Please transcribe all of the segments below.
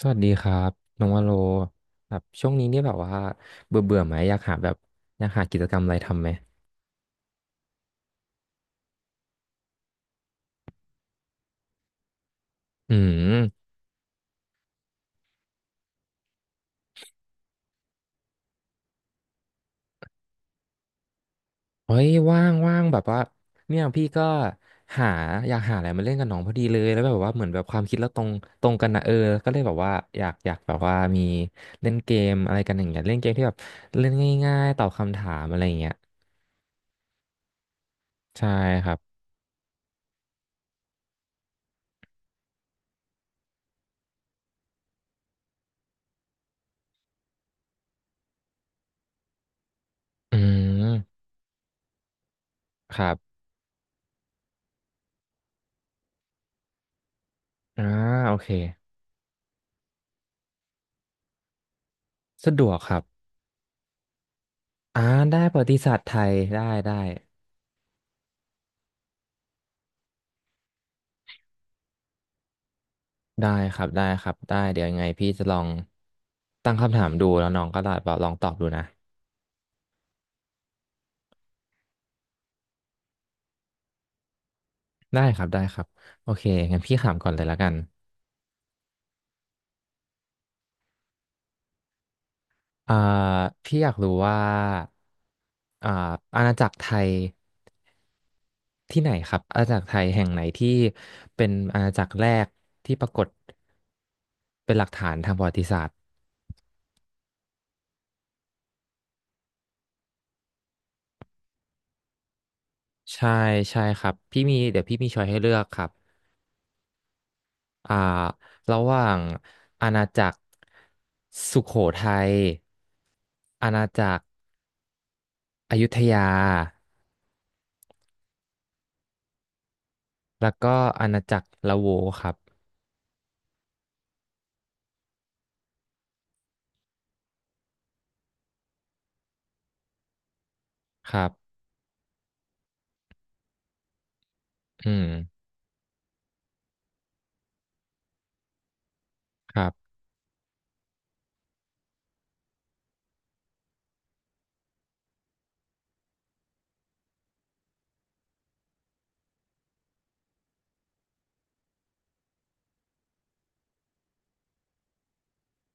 สวัสดีครับน้องวาโลแบบช่วงนี้เนี่ยแบบว่าเบื่อเบื่อไหมอยากหาแบบอยากหากิจกรรมอะไรทำไหมอืมเฮ้ยว่างแบบว่าเนี่ยพี่ก็หาอยากหาอะไรมาเล่นกับน้องพอดีเลยแล้วแบบว่าเหมือนแบบความคิดเราตรงกันนะเออก็เลยแบบว่าอยากแบบว่ามีเล่นเกมอะไรกันอย่างเงี้ยเล่นเกมที่แบบเล่นง่ายๆตอบคำถามอะไรอย่างเงี้ยใช่ครับอืมครับอ่าโอเคสะดวกครับอ่าได้ประวัติศาสตร์ไทยได้ ได้ครับได้ครับได้เดี๋ยวยังไงพี่จะลองตั้งคำถามดูแล้วน้องก็ลองตอบดูนะได้ครับได้ครับโอเคงั้นพี่ถามก่อนเลยละกันอ่าพี่อยากรู้ว่าอ่าอาณาจักรไทยที่ไหนครับอาณาจักรไทยแห่งไหนที่เป็นอาณาจักรแรกที่ปรากฏเป็นหลักฐานทางประวัติศาสตร์ใช่ใช่ครับพี่มีเดี๋ยวพี่มีช้อยให้เลือกครับ อ่าระหว่างอาณาจักรสุโขทัยอาณาจักรอยุธยาแล้วก็อาณาจักรละโวครับครับอืมครับ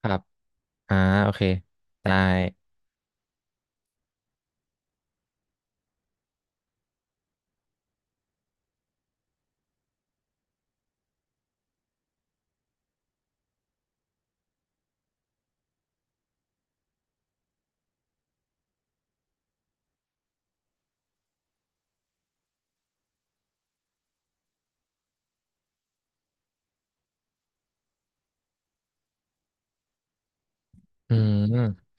ครับอ่าโอเคได้อืม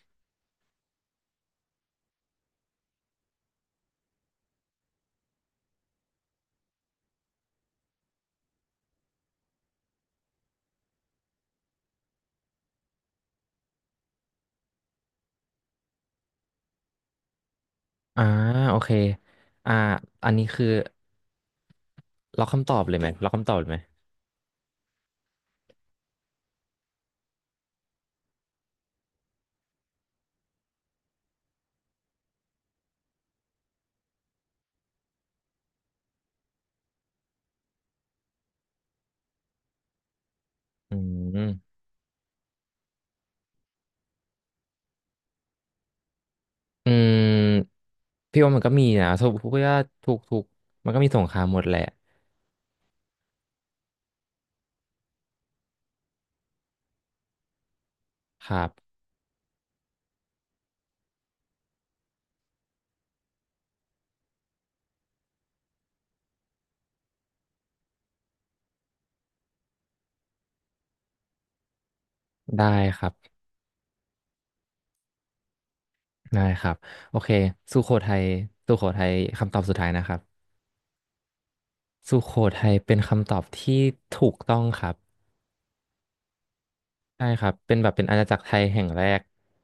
อ่าโอเคอ่าอันนี้คือล็อกคำตอบเลยไหมล็อกคำตอบเลยไหมอืมอืมพี่ว่ามันก็มีนะทุกว่าทุกมันก็มีสงครามหมดแหละครับได้ครับ ได้ครับโอเคสุโขทัยสุโขทัยคำตอบสุดท้ายนะครับสุโขทัยเป็นคำตอบที่ถูกต้องครับใช่ครับเป็นแบบเป็นอาณาจักรไทยแห่งแรก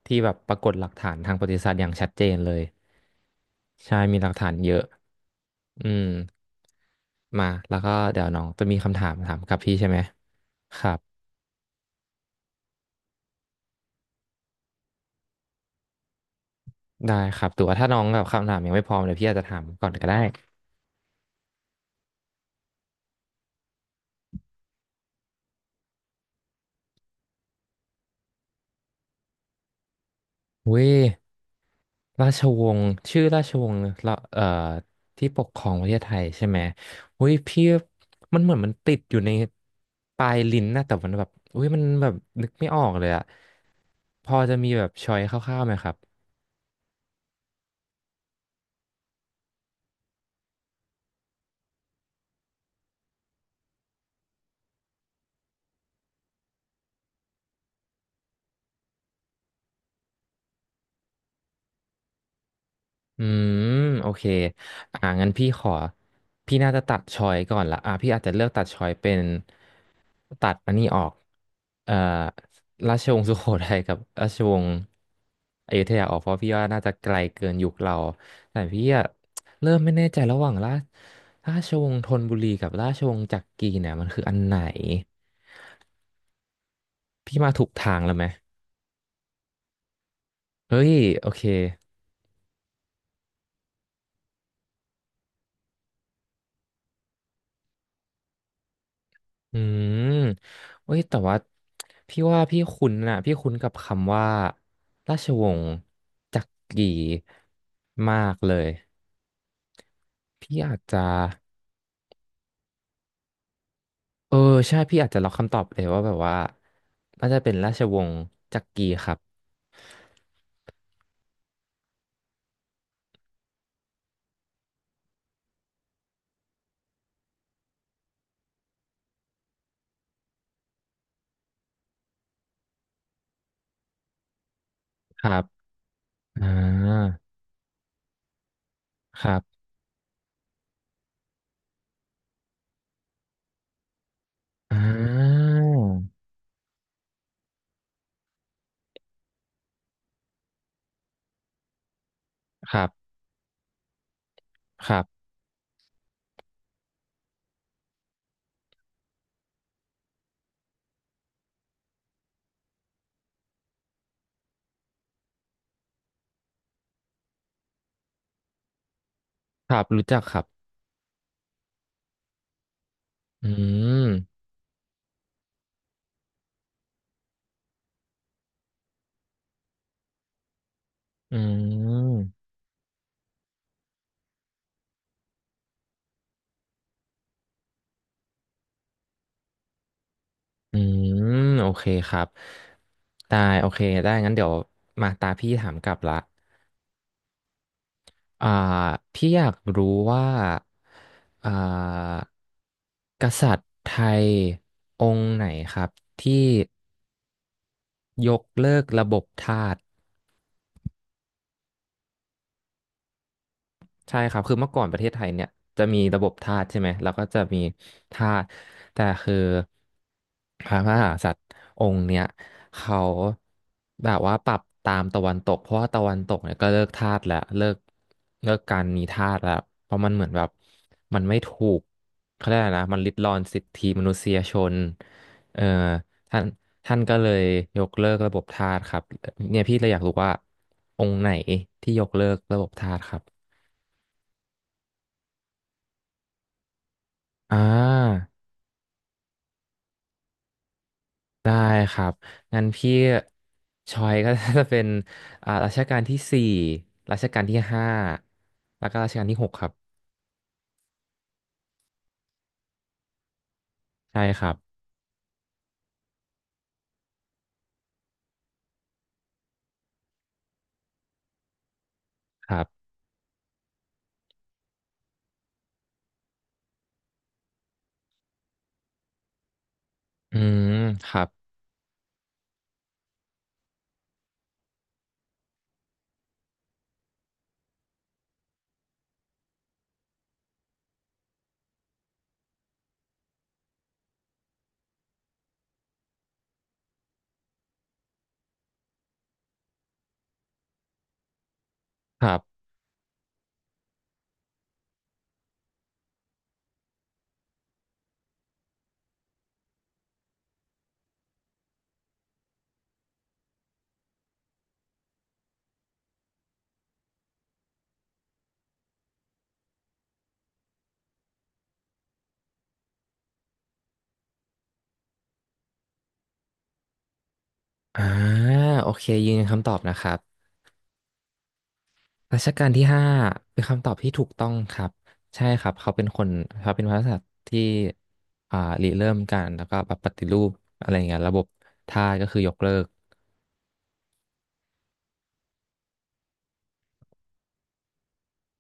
ที่แบบปรากฏหลักฐานทางประวัติศาสตร์อย่างชัดเจนเลยใช่มีหลักฐานเยอะอืมมาแล้วก็เดี๋ยวน้องจะมีคำถามถามกับพี่ใช่ไหมครับได้ครับแต่ว่าถ้าน้องแบบคำถามยังไม่พร้อมเดี๋ยวพี่อาจจะถามก่อนก็ได้เว้ย ราชวงศ์ชื่อราชวงศ์ละที่ปกครองประเทศไทยใช่ไหมอุ้ยพี่มันเหมือนมันติดอยู่ในปลายลิ้นนะแต่มันแบบอุ้ยมันแบบนึกไม่ออกเลยอะพอจะมีแบบชอยคร่าวๆไหมครับ อืมโอเคงั้นพี่ขอพี่น่าจะตัดชอยก่อนละพี่อาจจะเลือกตัดชอยเป็นตัดอันนี้ออกเอ่อราชวงศ์สุโขทัยกับราชวงศ์อยุธยาออกเพราะพี่ว่าน่าจะไกลเกินยุคเราแต่พี่อะเริ่มไม่แน่ใจระหว่างราชวงศ์ธนบุรีกับราชวงศ์จักรีเนี่ยมันคืออันไหนพี่มาถูกทางแล้วไหมเฮ้ยโอเค อืมเว้ยแต่ว่าพี่ว่าพี่คุ้นน่ะพี่คุ้นกับคำว่าราชวงศ์จักรีมากเลยพี่อาจจะเออใช่พี่อาจจะล็อกคำตอบเลยว่าแบบว่าน่าจะเป็นราชวงศ์จักรีครับครับอ่าครับอ่าครับครับครับรู้จักครับอืมอืม อืมโอเคครับได้โอเคได้งั้นเดี๋ยวมาตาพี่ถามกลับละอ่าพี่อยากรู้ว่าอ่ากษัตริย์ไทยองค์ไหนครับที่ยกเลิกระบบทาส ใช่ครับคือเมื่อก่อนประเทศไทยเนี่ยจะมีระบบทาสใช่ไหม แล้วก็จะมีทาสแต่คือพระมหากษัตริย์องค์เนี้ยเขาแบบว่าปรับตามตะวันตกเพราะว่าตะวันตกเนี่ยก็เลิกทาสแล้วเลิกการมีทาสแล้วเพราะมันเหมือนแบบมันไม่ถูกเขาเรียกอะไรนะมันริดรอนสิทธิมนุษยชนเอ่อท่านท่านก็เลยยกเลิกระบบทาสครับเนี่ยพี่เลยอยากรู้ว่าองค์ไหนที่ยกเลิกระบบทาสครับ อ่าได้ครับงั้นพี่ชอยก็ จะเป็นรัชกาลที่ 4รัชกาลที่ห้าแล้วก็รัชกาลที่ 6ครับใช่ครับครับอืมครับครับอ่าโอเคยืนยันคำตอบนะครับรัชกาลที่ห้าเป็นคำตอบที่ถูกต้องครับใช่ครับเขาเป็นคนเขาเป็นพระกษัตริย์ที่อ่าริเริ่มการแล้วก็แบบปฏิรูปอะไรอย่างเงี้ยระบบทาสก็คือยกเลิก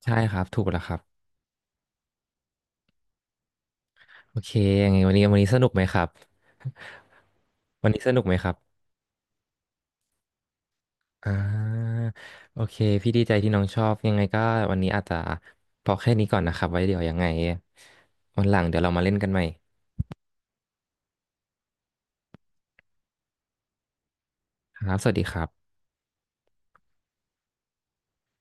ใช่ครับถูกแล้วครับ โอเคยังไงวันนี้สนุกไหมครับ วันนี้สนุกไหมครับอ่าโอเคพี่ดีใจที่น้องชอบยังไงก็วันนี้อาจจะพอแค่นี้ก่อนนะครับไว้เดี๋ยวยังไงวันหลังเดี๋ยวเรามาเล่นกันใหม่ครับสวัสดีครับ